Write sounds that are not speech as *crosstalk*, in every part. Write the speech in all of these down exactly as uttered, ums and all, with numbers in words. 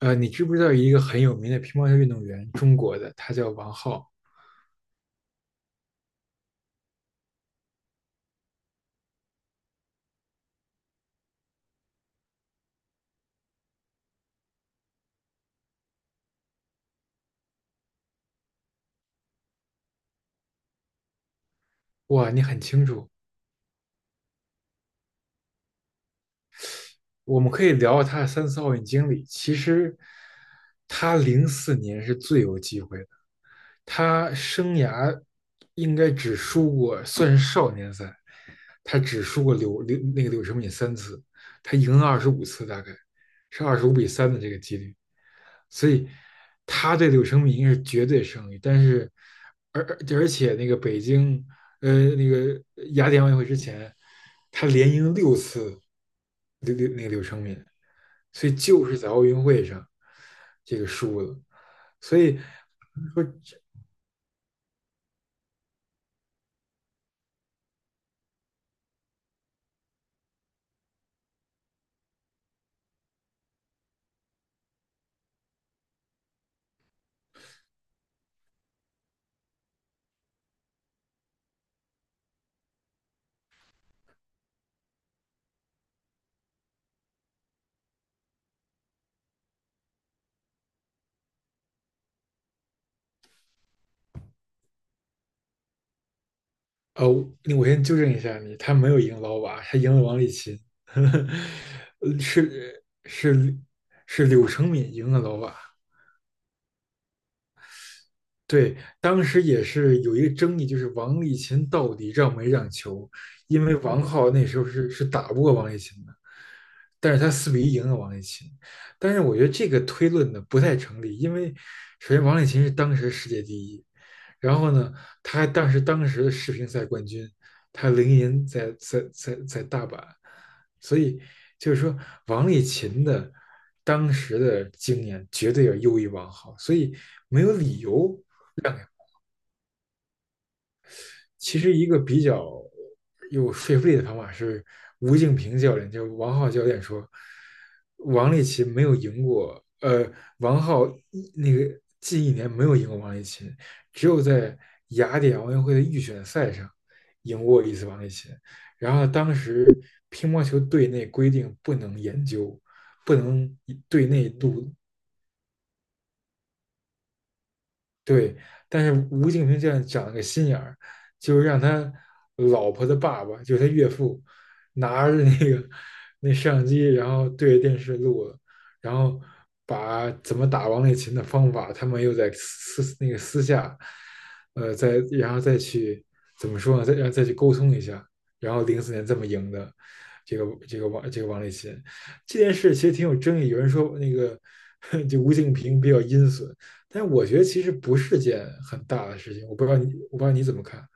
呃，你知不知道一个很有名的乒乓球运动员，中国的，他叫王皓。哇，你很清楚。我们可以聊聊他的三次奥运经历。其实，他零四年是最有机会的。他生涯应该只输过，算是少年赛，他只输过柳柳那个柳什敏三次，他赢了二十五次，大概是二十五比三的这个几率。所以他对柳承敏应该是绝对胜利，但是而而而且那个北京呃，那个雅典奥运会之前，他连赢六次柳柳那个柳成敏，所以就是在奥运会上这个输了。所以，呃，那我先纠正一下你，他没有赢老瓦，他赢了王励勤。*laughs* 呃是是是柳成敏赢了老瓦。对，当时也是有一个争议，就是王励勤到底让没让球，因为王皓那时候是是打不过王励勤的。但是他四比一赢了王励勤。但是我觉得这个推论呢不太成立，因为首先王励勤是当时世界第一，然后呢，他还当时当时的世乒赛冠军，他零银在在在在大阪，所以就是说王励勤的当时的经验绝对要优于王皓，所以没有理由。其实一个比较有说服力的方法是吴敬平教练，就王浩教练说，王励勤没有赢过，呃，王浩那个近一年没有赢过王励勤，只有在雅典奥运会的预选赛上赢过一次王励勤。然后当时乒乓球队内规定不能研究，不能对内录，对，但是吴敬平这样长了个心眼儿，就是让他老婆的爸爸，就是他岳父，拿着那个那摄像机，然后对着电视录了，然后把怎么打王励勤的方法，他们又在私那个私下，呃，再然后再去，怎么说呢？再然后再去沟通一下，然后零四年这么赢的这个这个王这个王励勤。这件事，其实挺有争议。有人说那个 *laughs* 就吴敬平比较阴损，但是我觉得其实不是件很大的事情，我不知道你，我不知道你怎么看。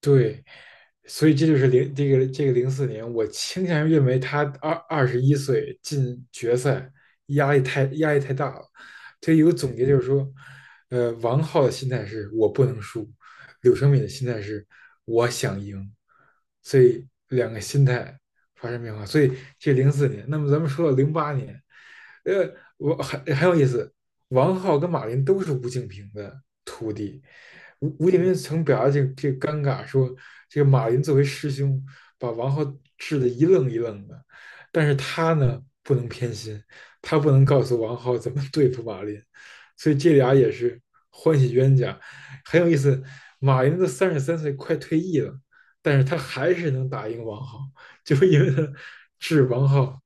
对，所以这就是零这个这个零四年，我倾向于认为他二二十一岁进决赛压力太压力太大了。这有个总结就是说，呃，王浩的心态是我不能输，柳承敏的心态是我想赢，所以两个心态发生变化。所以这零四年，那么咱们说到零八年，呃，我很很有意思。王浩跟马琳都是吴敬平的徒弟。吴吴敬琏曾表达这个这个尴尬说，这个马云作为师兄，把王浩治得一愣一愣的，但是他呢不能偏心，他不能告诉王浩怎么对付马林，所以这俩也是欢喜冤家，很有意思。马云都三十三岁，快退役了，但是他还是能打赢王浩，就是因为他治王浩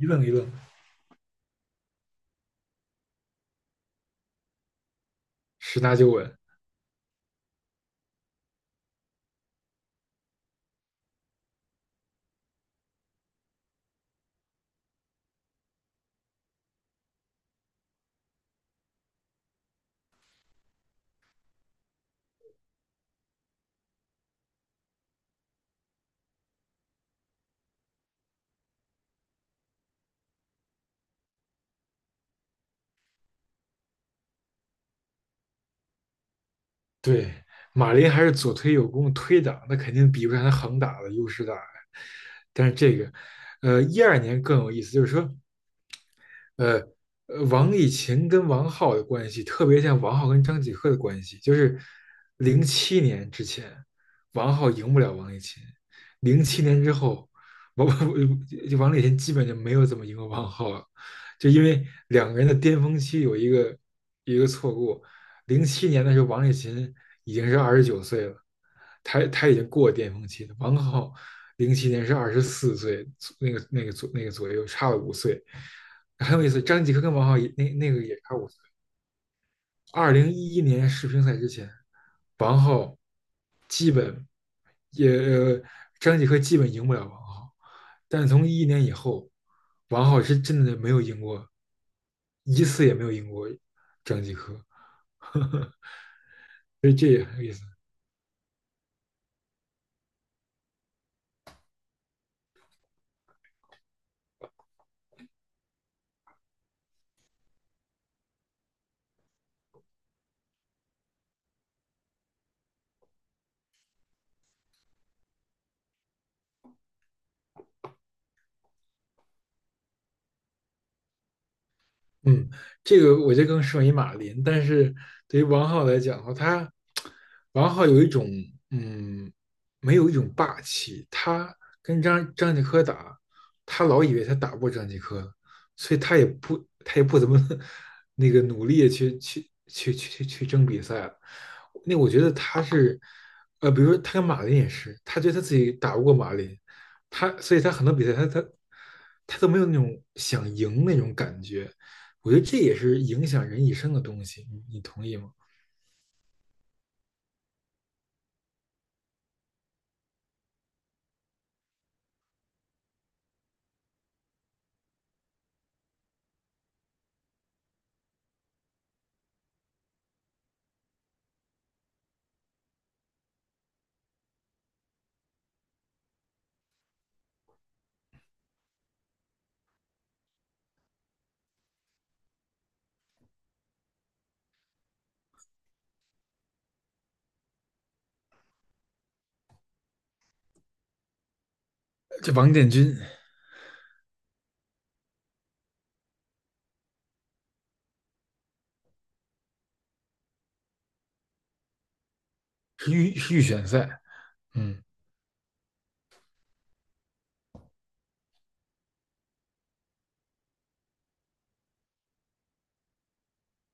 一愣一愣，十拿九稳。对，马林还是左推右攻推挡，那肯定比不上他横打的优势大呀。但是这个，呃，一二年更有意思，就是说，呃，呃王以勤跟王浩的关系，特别像王浩跟张继科的关系，就是零七年之前，王浩赢不了王以勤，零七年之后，王 *laughs* 就王以勤基本就没有怎么赢过王浩了，就因为两个人的巅峰期有一个有一个错过。零七年的时候王以勤已经是二十九岁了，他他已经过巅峰期了，王浩零七年是二十四岁，那个那个左那个左右差了五岁。很有意思，张继科跟王浩也那那个也差五岁。二零一一年世乒赛之前，王浩基本也呃张继科基本赢不了王浩，但从一一年以后，王浩是真的没有赢过一次，也没有赢过张继科。*laughs* 所以这也很有意思。嗯，这个我觉得更适合于马林，但是对于王浩来讲的话，他王浩有一种嗯，没有一种霸气。他跟张张继科打，他老以为他打不过张继科，所以他也不他也不怎么 *laughs* 那个努力地去去去去去争比赛了。那我觉得他是，呃，比如说他跟马林也是，他觉得他自己打不过马林，他所以他很多比赛他他他都没有那种想赢那种感觉。我觉得这也是影响人一生的东西，你同意吗？这王建军是预是预选赛。嗯，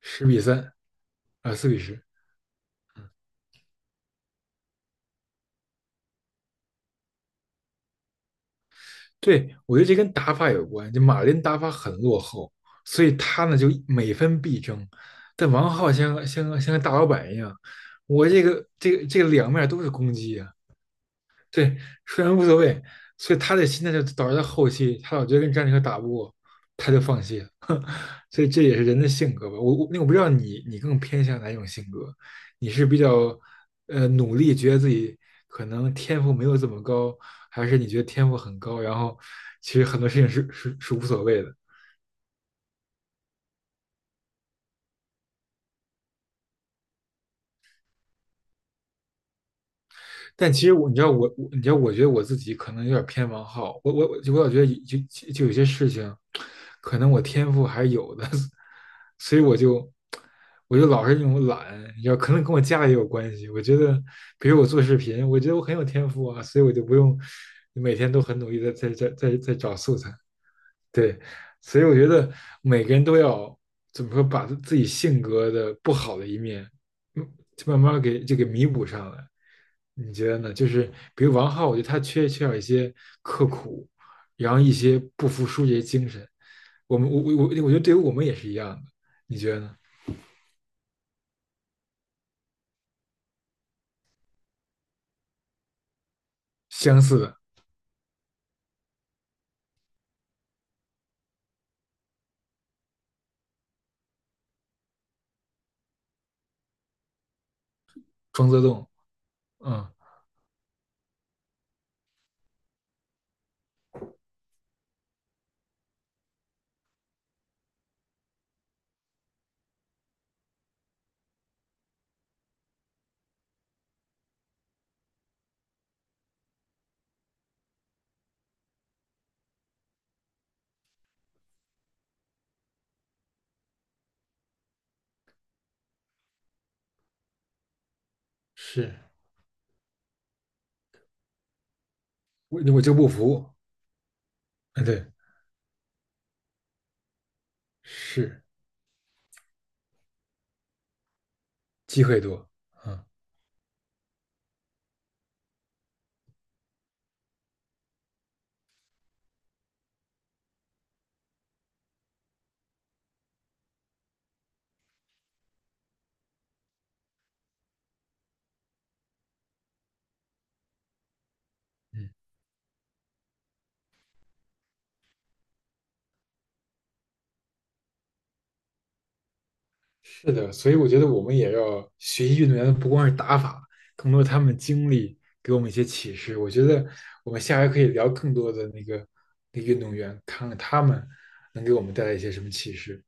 十比三啊，四比十。对，我觉得这跟打法有关。就马林打法很落后，所以他呢就每分必争。但王浩像像像个大老板一样，我这个这个这个两面都是攻击啊。对，虽然无所谓，所以他的心态就导致他后期，他老觉得跟詹妮克打不过，他就放弃了。所以这也是人的性格吧。我我那我不知道你你更偏向哪一种性格，你是比较呃努力，觉得自己可能天赋没有这么高，还是你觉得天赋很高，然后其实很多事情是是是无所谓的？但其实我，你知道我，我你知道，我觉得我自己可能有点偏王浩，我我我老觉得就就就有些事情，可能我天赋还有的。*laughs* 所以我就我就老是那种懒，你知道，可能跟我家里也有关系。我觉得，比如我做视频，我觉得我很有天赋啊，所以我就不用每天都很努力的在在在在找素材。对，所以我觉得每个人都要怎么说，把自己性格的不好的一面嗯，就慢慢给就给弥补上来。你觉得呢？就是比如王浩，我觉得他缺缺少一些刻苦，然后一些不服输这些精神。我们我我我，我觉得对于我们也是一样的。你觉得呢？相似的。庄则栋。嗯，是。我我就不服。嗯，对，是。机会多。嗯。嗯。是的，所以我觉得我们也要学习运动员的不光是打法，更多他们的经历给我们一些启示。我觉得我们下回可以聊更多的那个那个运动员，看看他们能给我们带来一些什么启示。